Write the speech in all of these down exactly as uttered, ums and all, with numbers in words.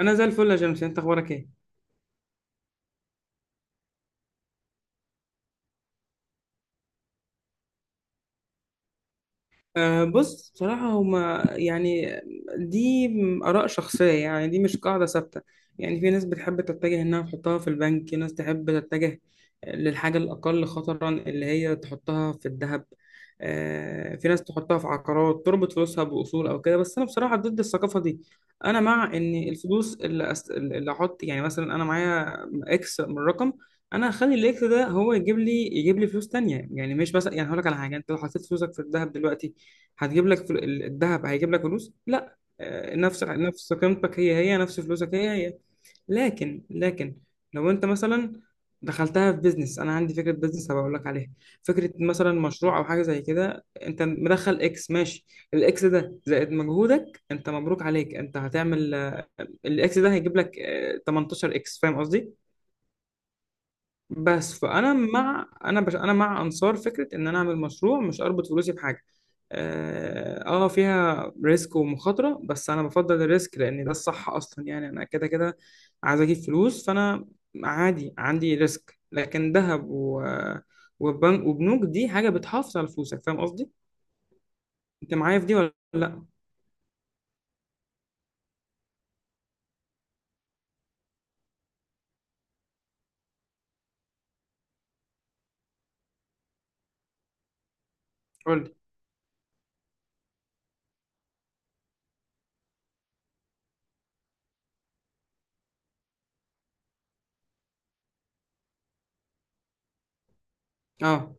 انا زي الفل يا جيمس، انت اخبارك ايه؟ أه بص بصراحة هما يعني دي آراء شخصية. يعني دي مش قاعدة ثابتة. يعني في ناس بتحب تتجه إنها تحطها في البنك، في ناس تحب تتجه للحاجة الأقل خطرا اللي هي تحطها في الذهب. أه في ناس تحطها في عقارات تربط فلوسها بأصول أو كده، بس أنا بصراحة ضد الثقافة دي. أنا مع إن الفلوس اللي أس... اللي أحط يعني، مثلا أنا معايا إكس من رقم. انا هخلي الاكس ده هو يجيب لي يجيب لي فلوس تانية. يعني مش مثلا، يعني هقول لك على حاجه. انت لو حطيت فلوسك في الذهب دلوقتي هتجيب لك فل... ال- الذهب هيجيب لك فلوس، لا، آه، نفس نفس قيمتك، هي هي نفس فلوسك هي هي. لكن لكن لو انت مثلا دخلتها في بيزنس، انا عندي فكره بيزنس هبقول لك عليها. فكره مثلا مشروع او حاجه زي كده. انت مدخل اكس ماشي، الاكس ده زائد مجهودك انت، مبروك عليك، انت هتعمل، آه، الاكس ده هيجيب لك آه، تمنتاشر اكس، فاهم قصدي؟ بس فانا مع انا بش... انا مع انصار فكره ان انا اعمل مشروع، مش اربط فلوسي بحاجه. اه، آه، فيها ريسك ومخاطره، بس انا بفضل الريسك لان ده الصح اصلا. يعني انا كده كده عايز اجيب فلوس. فانا عادي عندي ريسك، لكن ذهب و... وبنك وبنوك دي حاجه بتحافظ على فلوسك، فاهم قصدي؟ انت معايا في دي ولا لا؟ قول لي. اه،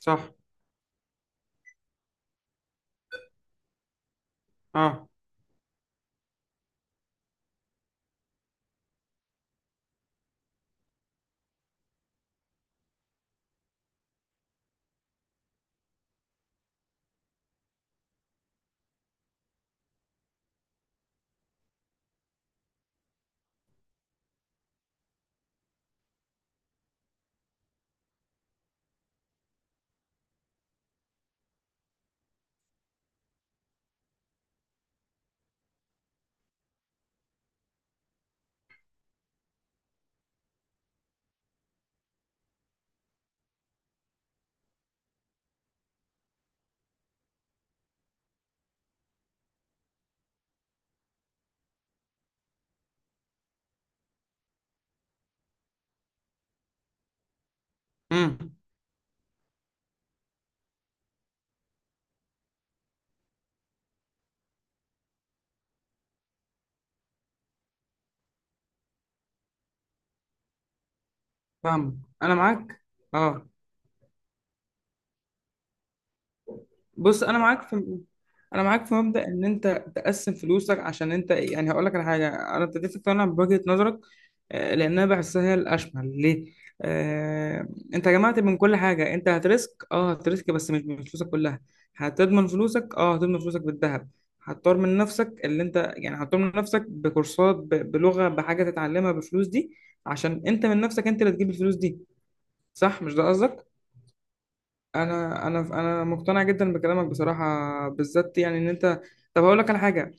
صح، اه، امم، فاهم، انا معاك. اه بص، انا معاك في انا معاك في مبدأ ان انت تقسم فلوسك. عشان انت يعني، هقول لك على حاجه. انا ابتديت اقتنع بوجهه نظرك، آه، لانها بحسها هي الاشمل ليه. آه، انت جمعت من كل حاجه. انت هترسك، اه هترسك، بس مش من فلوسك كلها. هتضمن فلوسك، اه هتضمن فلوسك بالذهب. هتطور من نفسك اللي انت، يعني هتطور من نفسك بكورسات، ب- بلغه، بحاجه تتعلمها بفلوس دي. عشان انت من نفسك انت اللي تجيب الفلوس دي. صح؟ مش ده قصدك؟ انا انا انا مقتنع جدا بكلامك بصراحه، بالذات يعني ان انت، طب هقول لك على حاجه.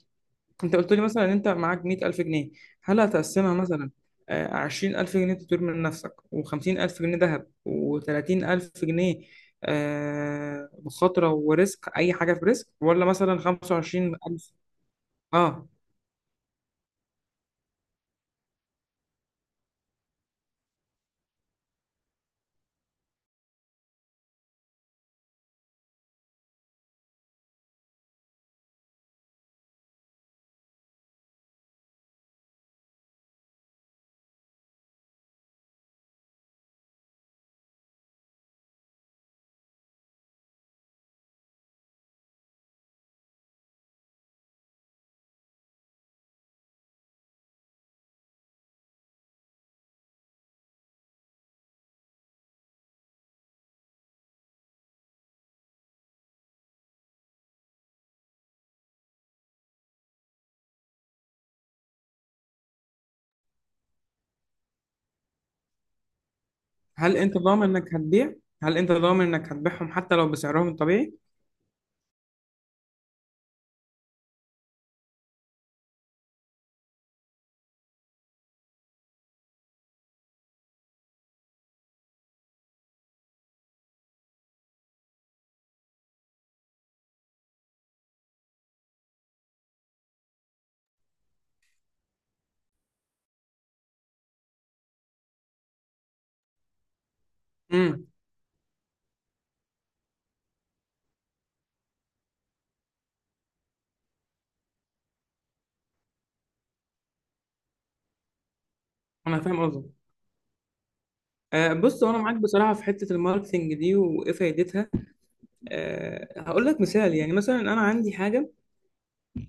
انت قلت لي مثلا ان انت معاك مائة ألف جنيه. هل هتقسمها مثلا آه، عشرين ألف جنيه تطور من نفسك، و50000 جنيه ذهب، و30000 جنيه آه، مخاطره وريسك، اي حاجه في ريسك؟ ولا مثلا خمسة وعشرين ألف؟ اه، هل انت ضامن انك هتبيع؟ هل انت ضامن انك هتبيعهم حتى لو بسعرهم الطبيعي؟ امم، انا فاهم قصدك. آه، بص هو انا معاك بصراحه في حته الماركتنج دي وايه فايدتها. أه هقول لك مثال. يعني مثلا انا عندي حاجه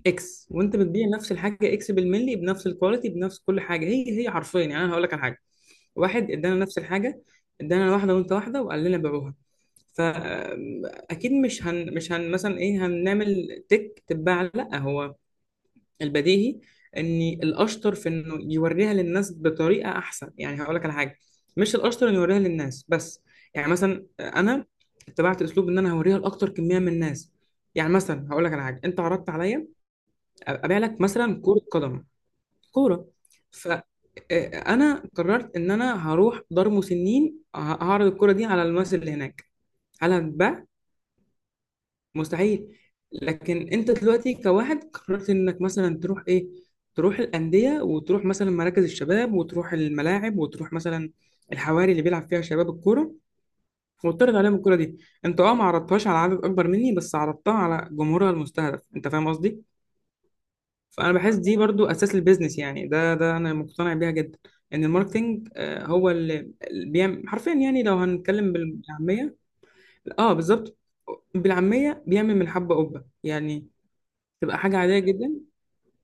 اكس، وانت بتبيع نفس الحاجه اكس بالملي، بنفس الكواليتي، بنفس كل حاجه، هي هي حرفيا. يعني انا هقول لك على حاجه، واحد ادانا نفس الحاجه، ادانا واحده وانت واحده وقال لنا بيعوها. فاكيد مش هن مش هن مثلا ايه هنعمل تك تتباع. لا، هو البديهي ان الاشطر في انه يوريها للناس بطريقه احسن. يعني هقول لك على حاجه، مش الاشطر انه يوريها للناس بس. يعني مثلا انا اتبعت اسلوب ان انا هوريها لاكتر كميه من الناس. يعني مثلا هقول لك على حاجه، انت عرضت عليا ابيع لك مثلا كره قدم، كوره. ف آه، انا قررت ان انا هروح دار مسنين ه- هعرض الكوره دي على الناس اللي هناك. هل هتتباع؟ مستحيل. لكن انت دلوقتي كواحد قررت انك مثلا تروح ايه، تروح الانديه، وتروح مثلا مراكز الشباب، وتروح الملاعب، وتروح مثلا الحواري اللي بيلعب فيها شباب الكوره، وتعرض عليهم الكوره دي. انت اه ما عرضتهاش على عدد اكبر مني، بس عرضتها على جمهورها المستهدف، انت فاهم قصدي؟ فانا بحس دي برضو اساس البيزنس. يعني ده ده انا مقتنع بيها جدا. ان الماركتينج، آه، هو اللي اللي بيعمل حرفيا، يعني لو هنتكلم بالعاميه. اه، بالظبط. بالعاميه بيعمل من الحبه قبه يعني. تبقى حاجة عادية جدا.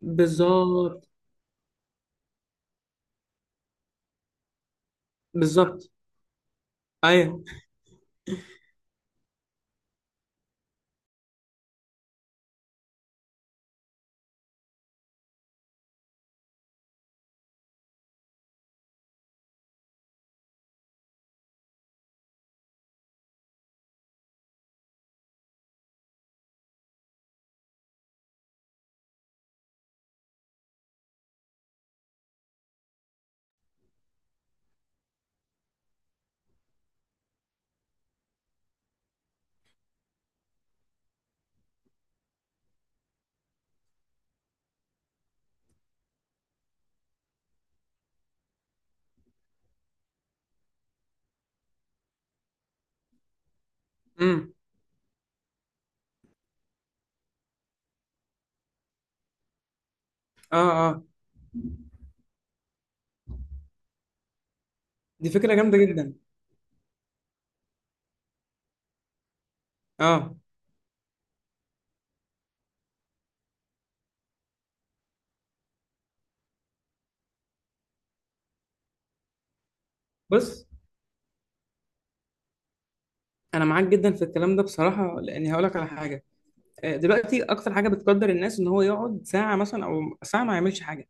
بالظبط. بالظبط. ايوه. امم. اه اه. دي فكرة جامدة جدا. اه بص، انا معاك جدا في الكلام ده بصراحة، لاني هقول لك على حاجة. آه، دلوقتي اكتر حاجة بتقدر الناس ان هو يقعد ساعة مثلا او ساعة ما يعملش حاجة.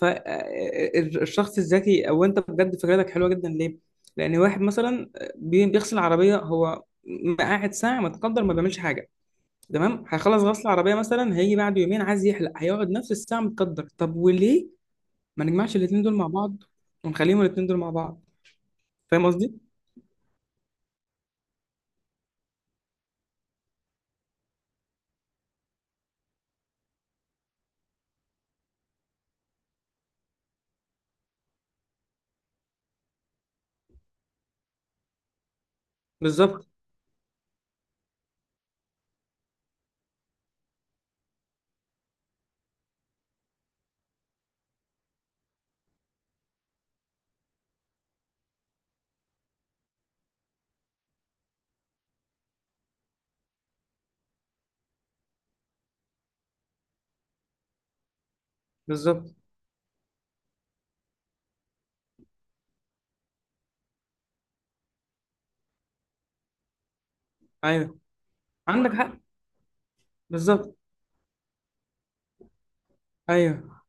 فالشخص الذكي، او انت بجد فكرتك حلوة جدا. ليه؟ لان واحد مثلا، آه، بي- بيغسل عربية، هو م- قاعد ساعة متقدر، ما بيعملش حاجة. تمام، هيخلص غسل العربية مثلا هيجي بعد يومين عايز يحلق، هيقعد نفس الساعة متقدر. طب وليه ما نجمعش الاتنين دول مع بعض، ونخليهم الاتنين دول مع بعض؟ فاهم قصدي؟ بالظبط. بالظبط. ايوه. عندك حق. بالظبط. ايوه.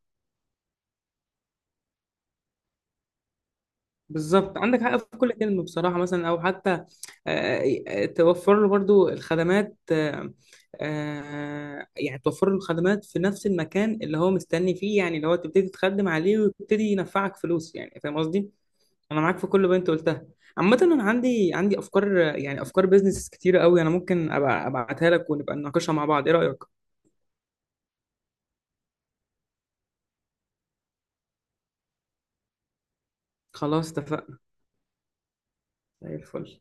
بالظبط، عندك حق في كل كلمه بصراحه. مثلا او حتى، آه، آه، توفر له برضو الخدمات، آه، آه، يعني توفر له الخدمات في نفس المكان اللي هو مستني فيه. يعني اللي هو تبتدي تخدم عليه ويبتدي ينفعك فلوس، يعني فاهم قصدي؟ انا معاك في كل اللي انت قلتها. عامة أنا عندي عندي أفكار، يعني أفكار بيزنس كتيرة قوي، أنا ممكن أبقى أبعتها لك ونبقى نناقشها مع بعض. إيه رأيك؟ خلاص اتفقنا. زي الفل.